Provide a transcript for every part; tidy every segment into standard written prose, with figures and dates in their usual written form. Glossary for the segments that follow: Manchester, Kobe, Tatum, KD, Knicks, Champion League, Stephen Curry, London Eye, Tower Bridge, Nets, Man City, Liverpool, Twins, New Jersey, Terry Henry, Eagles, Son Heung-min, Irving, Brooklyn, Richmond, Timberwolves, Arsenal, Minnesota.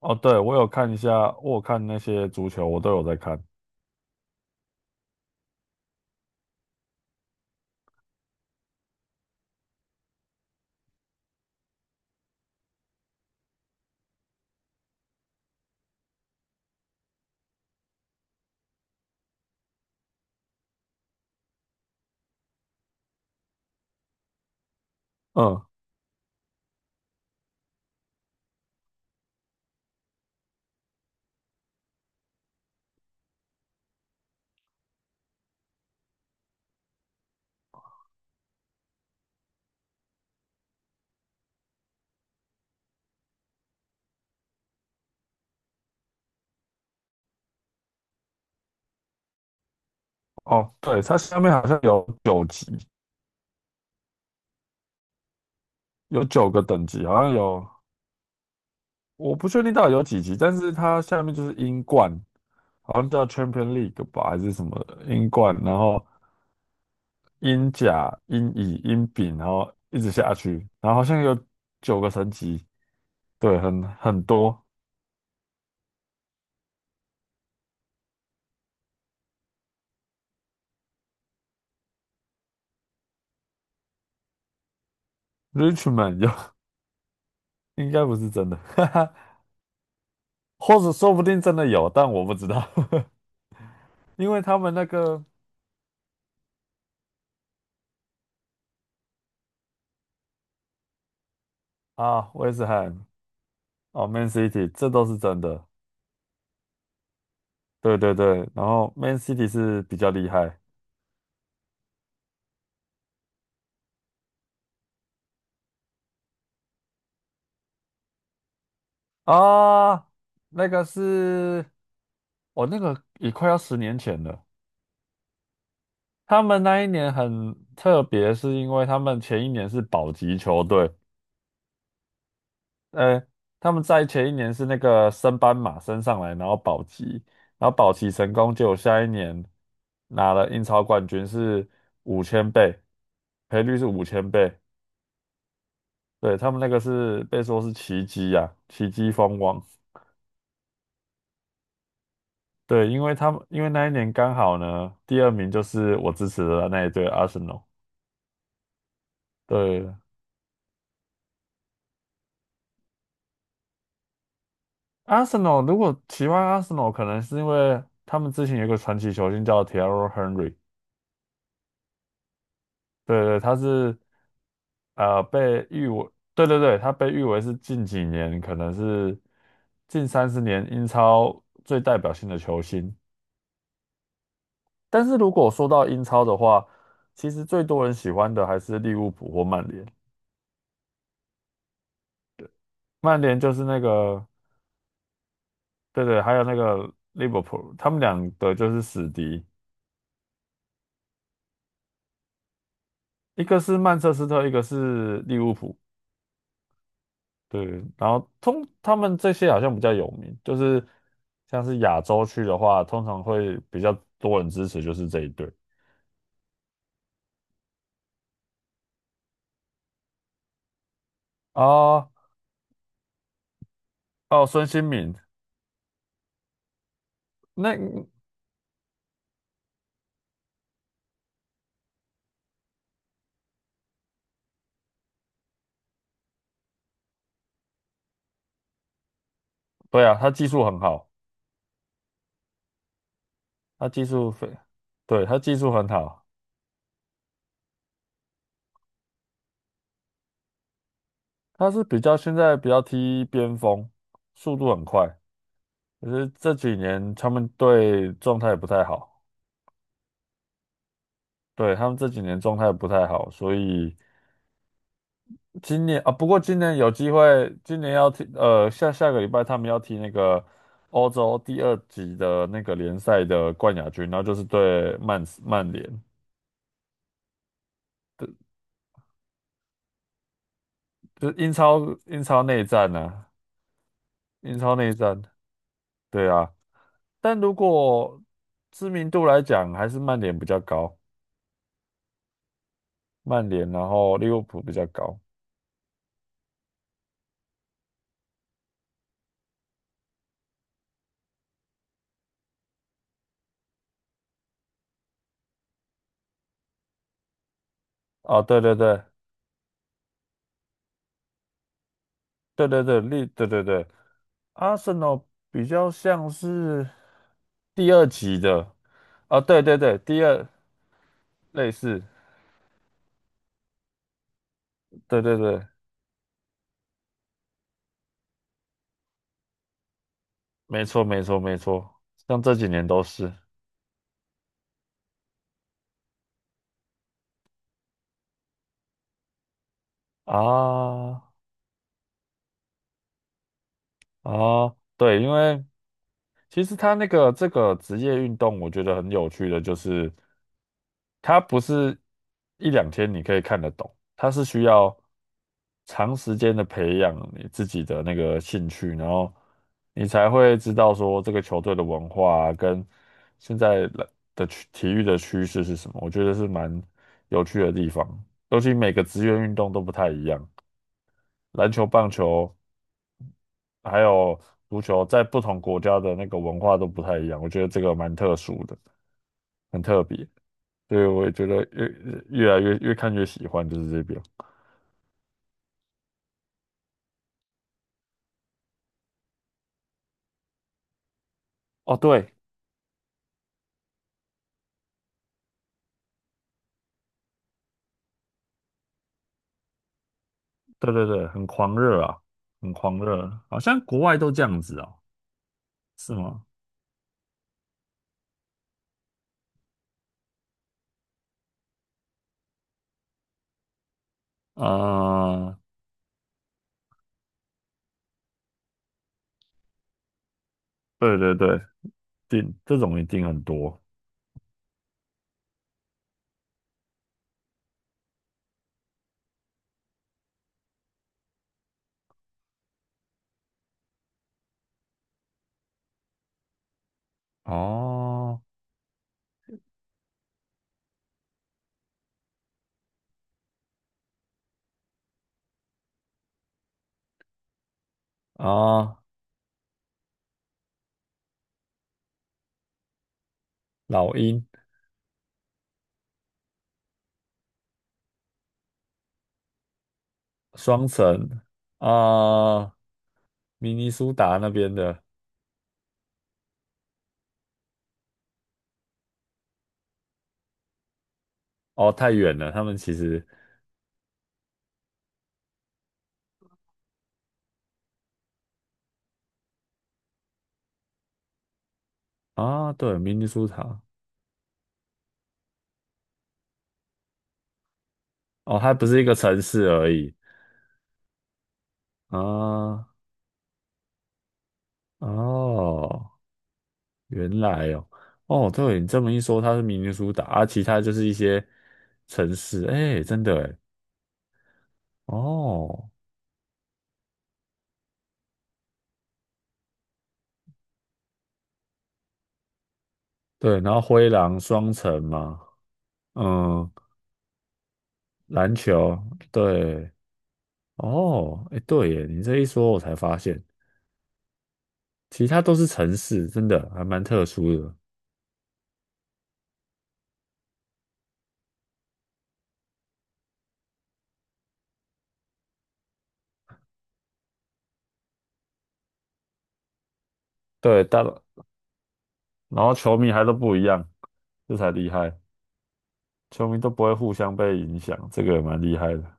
哦，对，我有看一下，我有看那些足球，我都有在看。嗯。哦，对，它下面好像有九级，有九个等级，好像有，我不确定到底有几级，但是它下面就是英冠，好像叫 Champion League 吧，还是什么的英冠，然后英甲、英乙、英丙，然后一直下去，然后好像有九个层级，对，很多。Richmond 有，应该不是真的，哈哈，或者说不定真的有，但我不知道。因为他们那个啊，威斯汉哦，Man City，这都是真的。对对对，然后 Man City 是比较厉害啊，那个是，哦，那个也快要10年前了。他们那一年很特别，是因为他们前一年是保级球队，呃，他们在前一年是那个升班马升上来，然后保级，然后保级成功，结果下一年拿了英超冠军，是五千倍，赔率是五千倍。对，他们那个是被说是奇迹啊，奇迹风光。对，因为那一年刚好呢，第二名就是我支持的那一队阿森纳。对，阿森纳如果喜欢阿森纳，可能是因为他们之前有一个传奇球星叫 t e r r y Henry。对对，他是被誉为，对对对，他被誉为是近几年可能是近30年英超最代表性的球星。但是如果说到英超的话，其实最多人喜欢的还是利物浦或曼联。曼联就是那个，对对，还有那个利物浦，他们两个就是死敌，一个是曼彻斯特，一个是利物浦。对，然后他们这些好像比较有名，就是像是亚洲区的话，通常会比较多人支持就是这一队啊。哦，孙兴慜，那对啊，他技术很好，他技术非，对，他技术很好。他是比较现在比较踢边锋，速度很快。可是这几年他们队状态不太好，对，他们这几年状态不太好，所以今年啊，不过今年有机会，今年要踢下下个礼拜他们要踢那个欧洲第二级的那个联赛的冠亚军，然后就是对曼联，对，就是英超内战啊，英超内战，对啊。但如果知名度来讲，还是曼联比较高。曼联，然后利物浦比较高。啊，对对对对对对，对对对，阿森纳比较像是第二级的。啊，对对对，第二类似，对对对，没错没错没错，像这几年都是啊啊，对，因为。其实他那个这个职业运动，我觉得很有趣的，就是它不是一两天你可以看得懂，它是需要长时间的培养你自己的那个兴趣，然后你才会知道说这个球队的文化啊跟现在的体育的趋势是什么。我觉得是蛮有趣的地方，尤其每个职业运动都不太一样，篮球、棒球。还有足球在不同国家的那个文化都不太一样，我觉得这个蛮特殊的，很特别，所以我也觉得越看越喜欢就是这边。哦，对，对对对，很狂热啊，很狂热，好像国外都这样子哦，是吗？啊、对对对，这种一定很多哦啊，老鹰、双城啊、明尼苏达那边的哦，太远了，他们其实。啊，对，明尼苏达，哦，它不是一个城市而已啊，哦，原来哦，哦，对，你这么一说，它是明尼苏达，啊，其他就是一些城市，哎，真的，哎，哦，对，然后灰狼双城嘛，嗯，篮球，对，哦，哎，对耶，你这一说，我才发现，其他都是城市，真的还蛮特殊的，对，但然后球迷还都不一样，这才厉害。球迷都不会互相被影响，这个也蛮厉害的。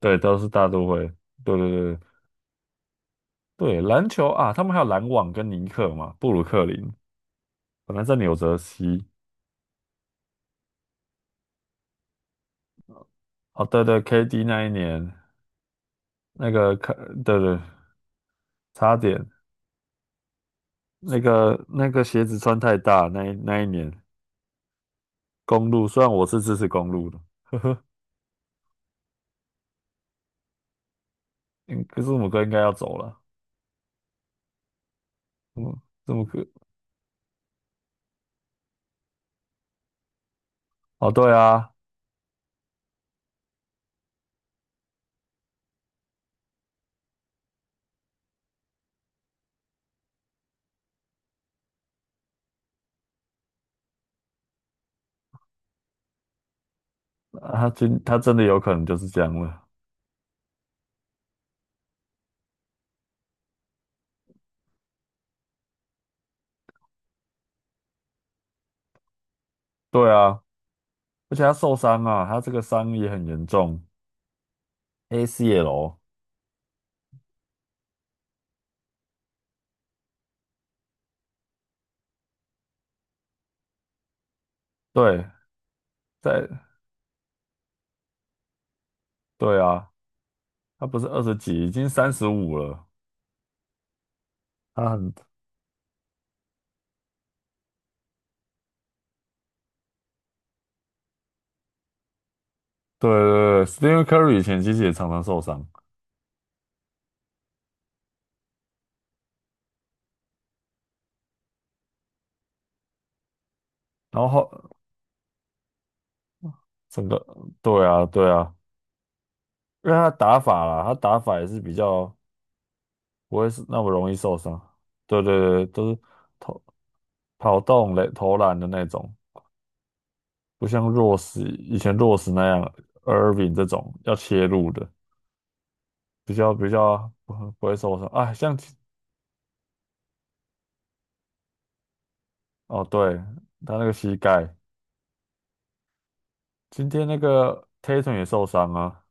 对，都是大都会。对对对对，篮球啊，他们还有篮网跟尼克嘛，布鲁克林本来在纽泽西。哦，对对，KD 那一年那个看，对对，差点那个鞋子穿太大，那一年公路，虽然我是支持公路的，嗯，可是我们哥应该要走了，嗯，字母哥，哦，对啊，啊他真的有可能就是这样了。对啊，而且他受伤啊，他这个伤也很严重，ACL，对，在对啊，他不是20几，已经35了。他很对对对，Stephen Curry 以前其实也常常受伤，然后后整个对啊对啊，因为他打法啦，他打法也是比较不会是那么容易受伤。对对对，都是投跑动垒投篮的那种，不像弱势，以前弱势那样，Irving 这种要切入的，比较不会受伤啊。哦对，他那个膝盖。今天那个 Tatum 也受伤啊，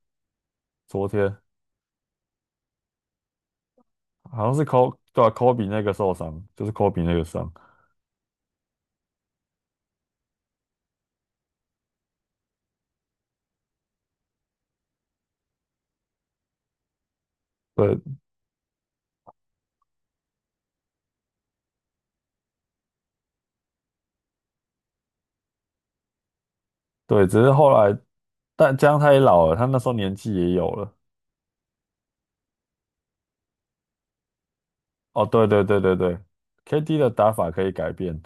昨天好像是 Kobe 对啊，Kobe 那个受伤，就是 Kobe 那个伤，对对，只是后来，但姜上他也老了，他那时候年纪也有了。哦，对对对对对，KD 的打法可以改变。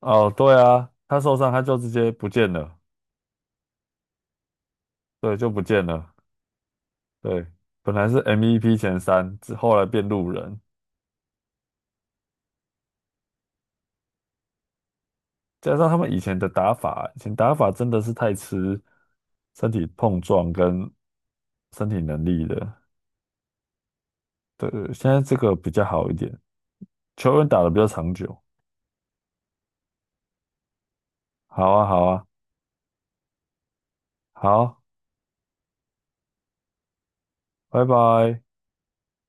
哦，对啊，他受伤他就直接不见了，对，就不见了。对，本来是 MVP 前三，之后来变路人。加上他们以前的打法，以前打法真的是太吃身体碰撞跟身体能力了。对，现在这个比较好一点，球员打的比较长久。好啊，好啊，好，拜拜。